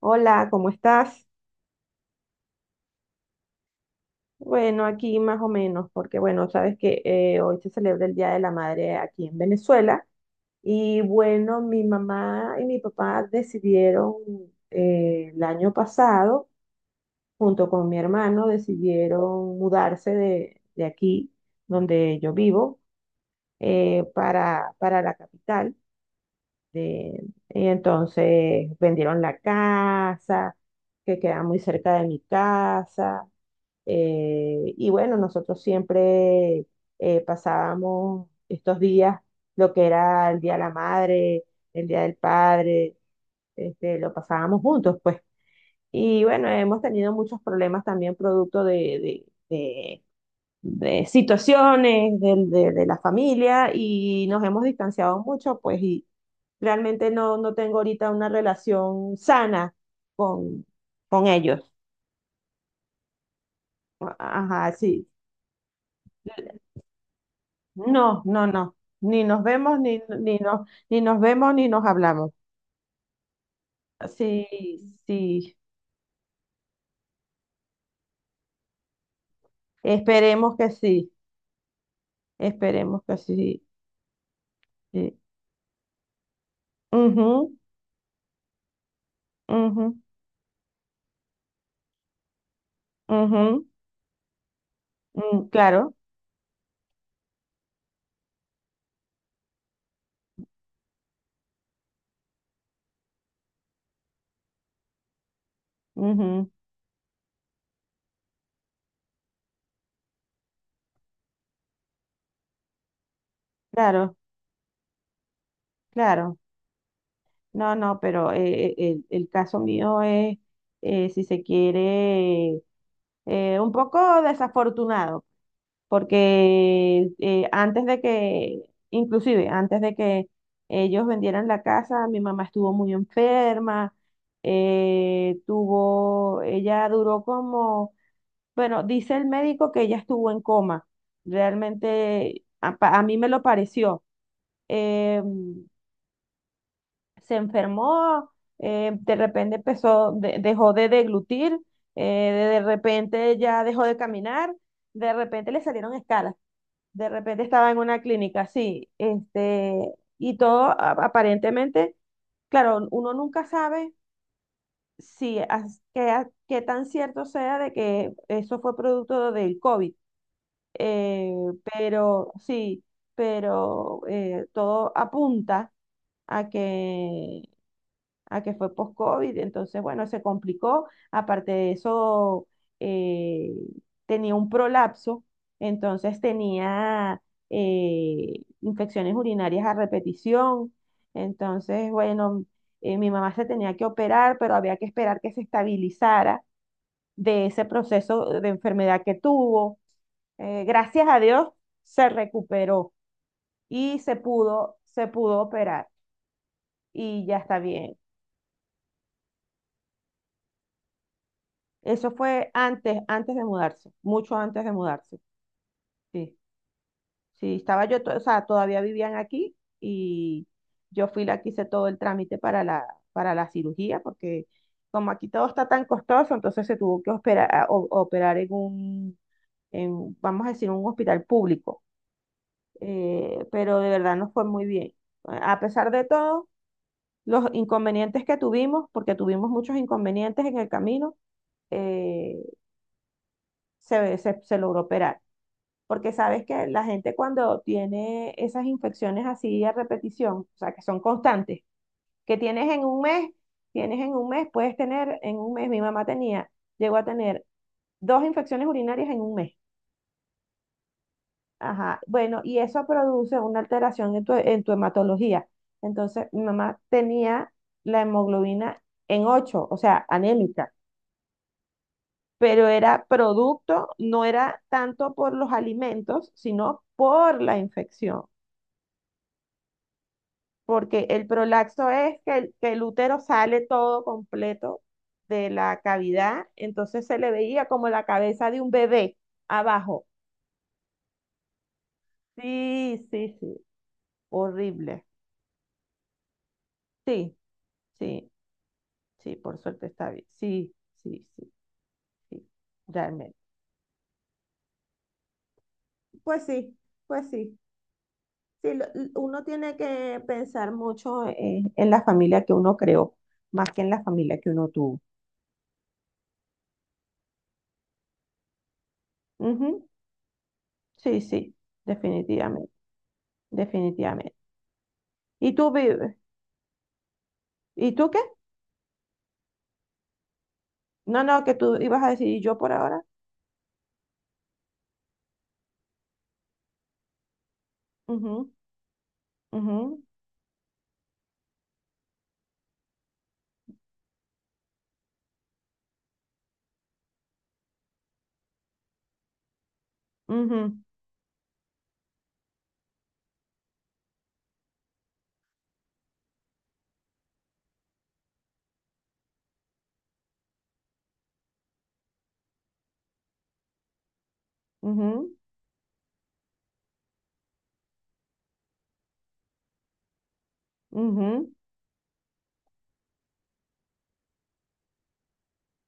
Hola, ¿cómo estás? Bueno, aquí más o menos, porque bueno, sabes que hoy se celebra el Día de la Madre aquí en Venezuela y bueno, mi mamá y mi papá decidieron el año pasado, junto con mi hermano, decidieron mudarse de aquí, donde yo vivo, para la capital. de- y entonces vendieron la casa, que queda muy cerca de mi casa. Y bueno, nosotros siempre pasábamos estos días, lo que era el Día de la Madre, el Día del Padre, este, lo pasábamos juntos, pues. Y bueno, hemos tenido muchos problemas también producto de, de- de- de situaciones de la familia y nos hemos distanciado mucho, pues, y realmente no tengo ahorita una relación sana con, con ellos. Ajá, sí. No, no, no. Ni nos vemos, ni nos vemos, ni nos hablamos. Sí, sí. Esperemos que sí. Esperemos que sí. Sí. Ujú, ujú, ujú, mm, claro, ujú, claro, claro. No, no, pero el caso mío es, si se quiere, un poco desafortunado. Porque antes de que, inclusive antes de que ellos vendieran la casa, mi mamá estuvo muy enferma, tuvo, ella duró como, bueno, dice el médico que ella estuvo en coma, realmente a mí me lo pareció. Eh, Se enfermó, de repente empezó, dejó de deglutir, de repente ya dejó de caminar, de repente le salieron escalas. De repente estaba en una clínica, sí, este, y todo aparentemente, claro, uno nunca sabe si qué tan cierto sea de que eso fue producto del COVID, eh, pero sí, pero todo apunta a que a que fue post-COVID, entonces, bueno, se complicó. Aparte de eso, eh, tenía un prolapso, entonces tenía infecciones urinarias a repetición. Entonces, bueno, mi mamá se tenía que operar, pero había que esperar que se estabilizara de ese proceso de enfermedad que tuvo. Gracias a Dios se recuperó y se pudo operar y ya está bien. Eso fue antes, antes de mudarse, mucho antes de mudarse. Sí, sí, estaba yo, o sea, todavía vivían aquí y yo fui la que hice todo el trámite para la cirugía, porque como aquí todo está tan costoso, entonces se tuvo que operar, operar en un, en, vamos a decir, un hospital público. Pero de verdad nos fue muy bien. A pesar de todo, los inconvenientes que tuvimos, porque tuvimos muchos inconvenientes en el camino, eh, se, se logró operar. Porque sabes que la gente cuando tiene esas infecciones así a repetición, o sea, que son constantes, que tienes en un mes, tienes en un mes, puedes tener en un mes, mi mamá tenía, llegó a tener dos infecciones urinarias en un mes. Ajá, bueno, y eso produce una alteración en tu hematología. Entonces, mi mamá tenía la hemoglobina en 8, o sea, anémica, pero era producto, no era tanto por los alimentos, sino por la infección. Porque el prolapso es que el útero sale todo completo de la cavidad, entonces se le veía como la cabeza de un bebé abajo. Sí, sí, sí, horrible. Sí, sí, sí, por suerte está bien. Sí, sí, sí, sí, realmente. Pues sí, pues sí. Sí, uno tiene que pensar mucho en la familia que uno creó, más que en la familia que uno tuvo. Ujú. Sí, sí, definitivamente, definitivamente. ¿Y tú, ¿y tú qué? No, no, que tú ibas a decir, ¿y yo por ahora? Ujú, ujú, ujú, ujú, ujú,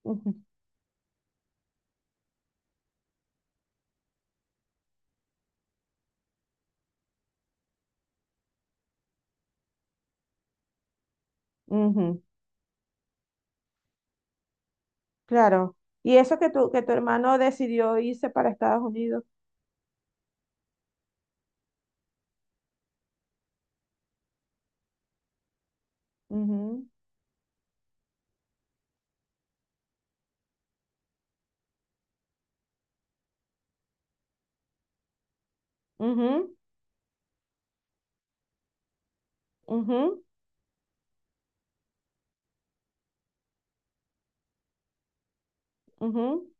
ujú, ujú. Claro. Y eso que tu hermano decidió irse para Estados Unidos. Ujú, ujú, ujú, ujú.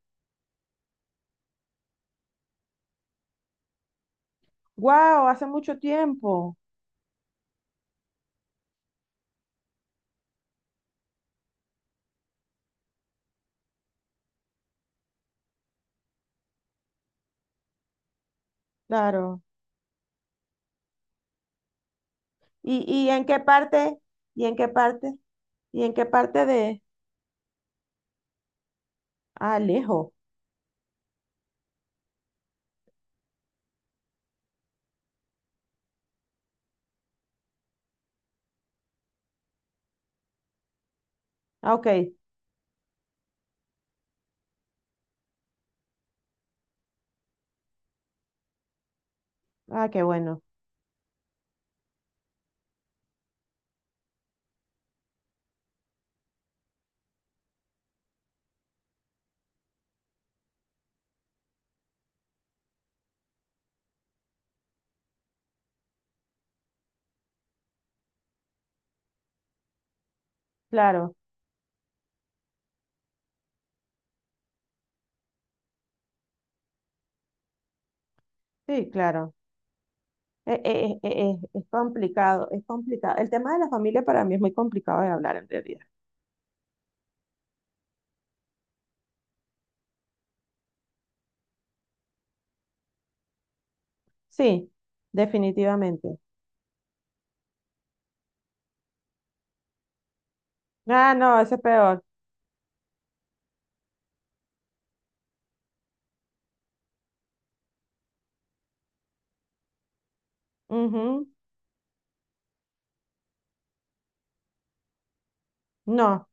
Guau, hace mucho tiempo. Claro. Y en qué parte? ¿Y en qué parte? ¿Y en qué parte de... Ah, lejos. Ah, ok. Ah, qué bueno. Claro. Sí, claro. Es complicado, es complicado. El tema de la familia para mí es muy complicado de hablar en realidad. Sí, definitivamente. Ah, no, ese es peor. Ujú. No,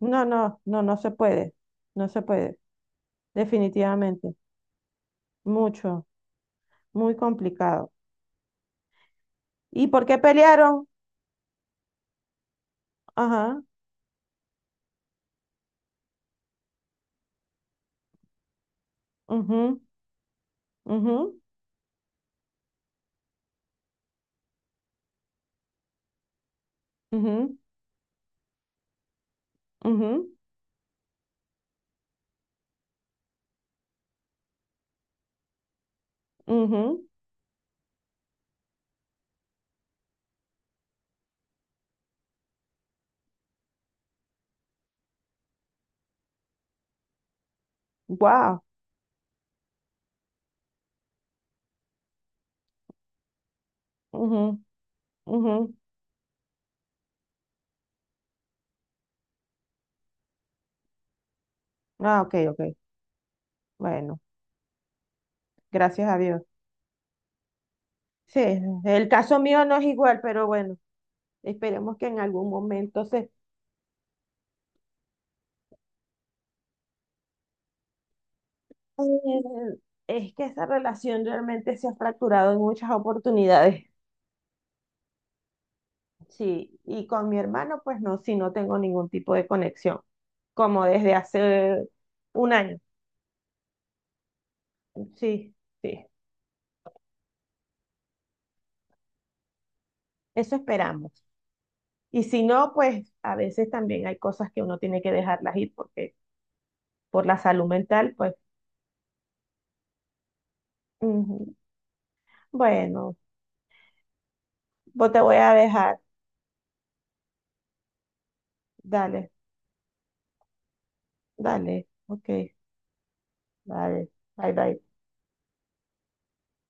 no, no, no, no se puede. No se puede, definitivamente. Mucho, muy complicado. ¿Y por qué pelearon? Ajá. Mhm. Mhm. Mhm. Mhm. Mhm. Wow. Mhm. Mhm. Ah, ok, ok. Bueno, gracias a Dios. Sí, el caso mío no es igual, pero bueno, esperemos que en algún momento se... Eh, es que esa relación realmente se ha fracturado en muchas oportunidades. Sí, y con mi hermano, pues no, sí, no tengo ningún tipo de conexión, como desde hace un año. Sí, sí, eso esperamos. Y si no, pues a veces también hay cosas que uno tiene que dejarlas ir porque por la salud mental, pues ujú. Bueno, vos te voy a dejar. Dale, dale, ok. Vale, bye bye.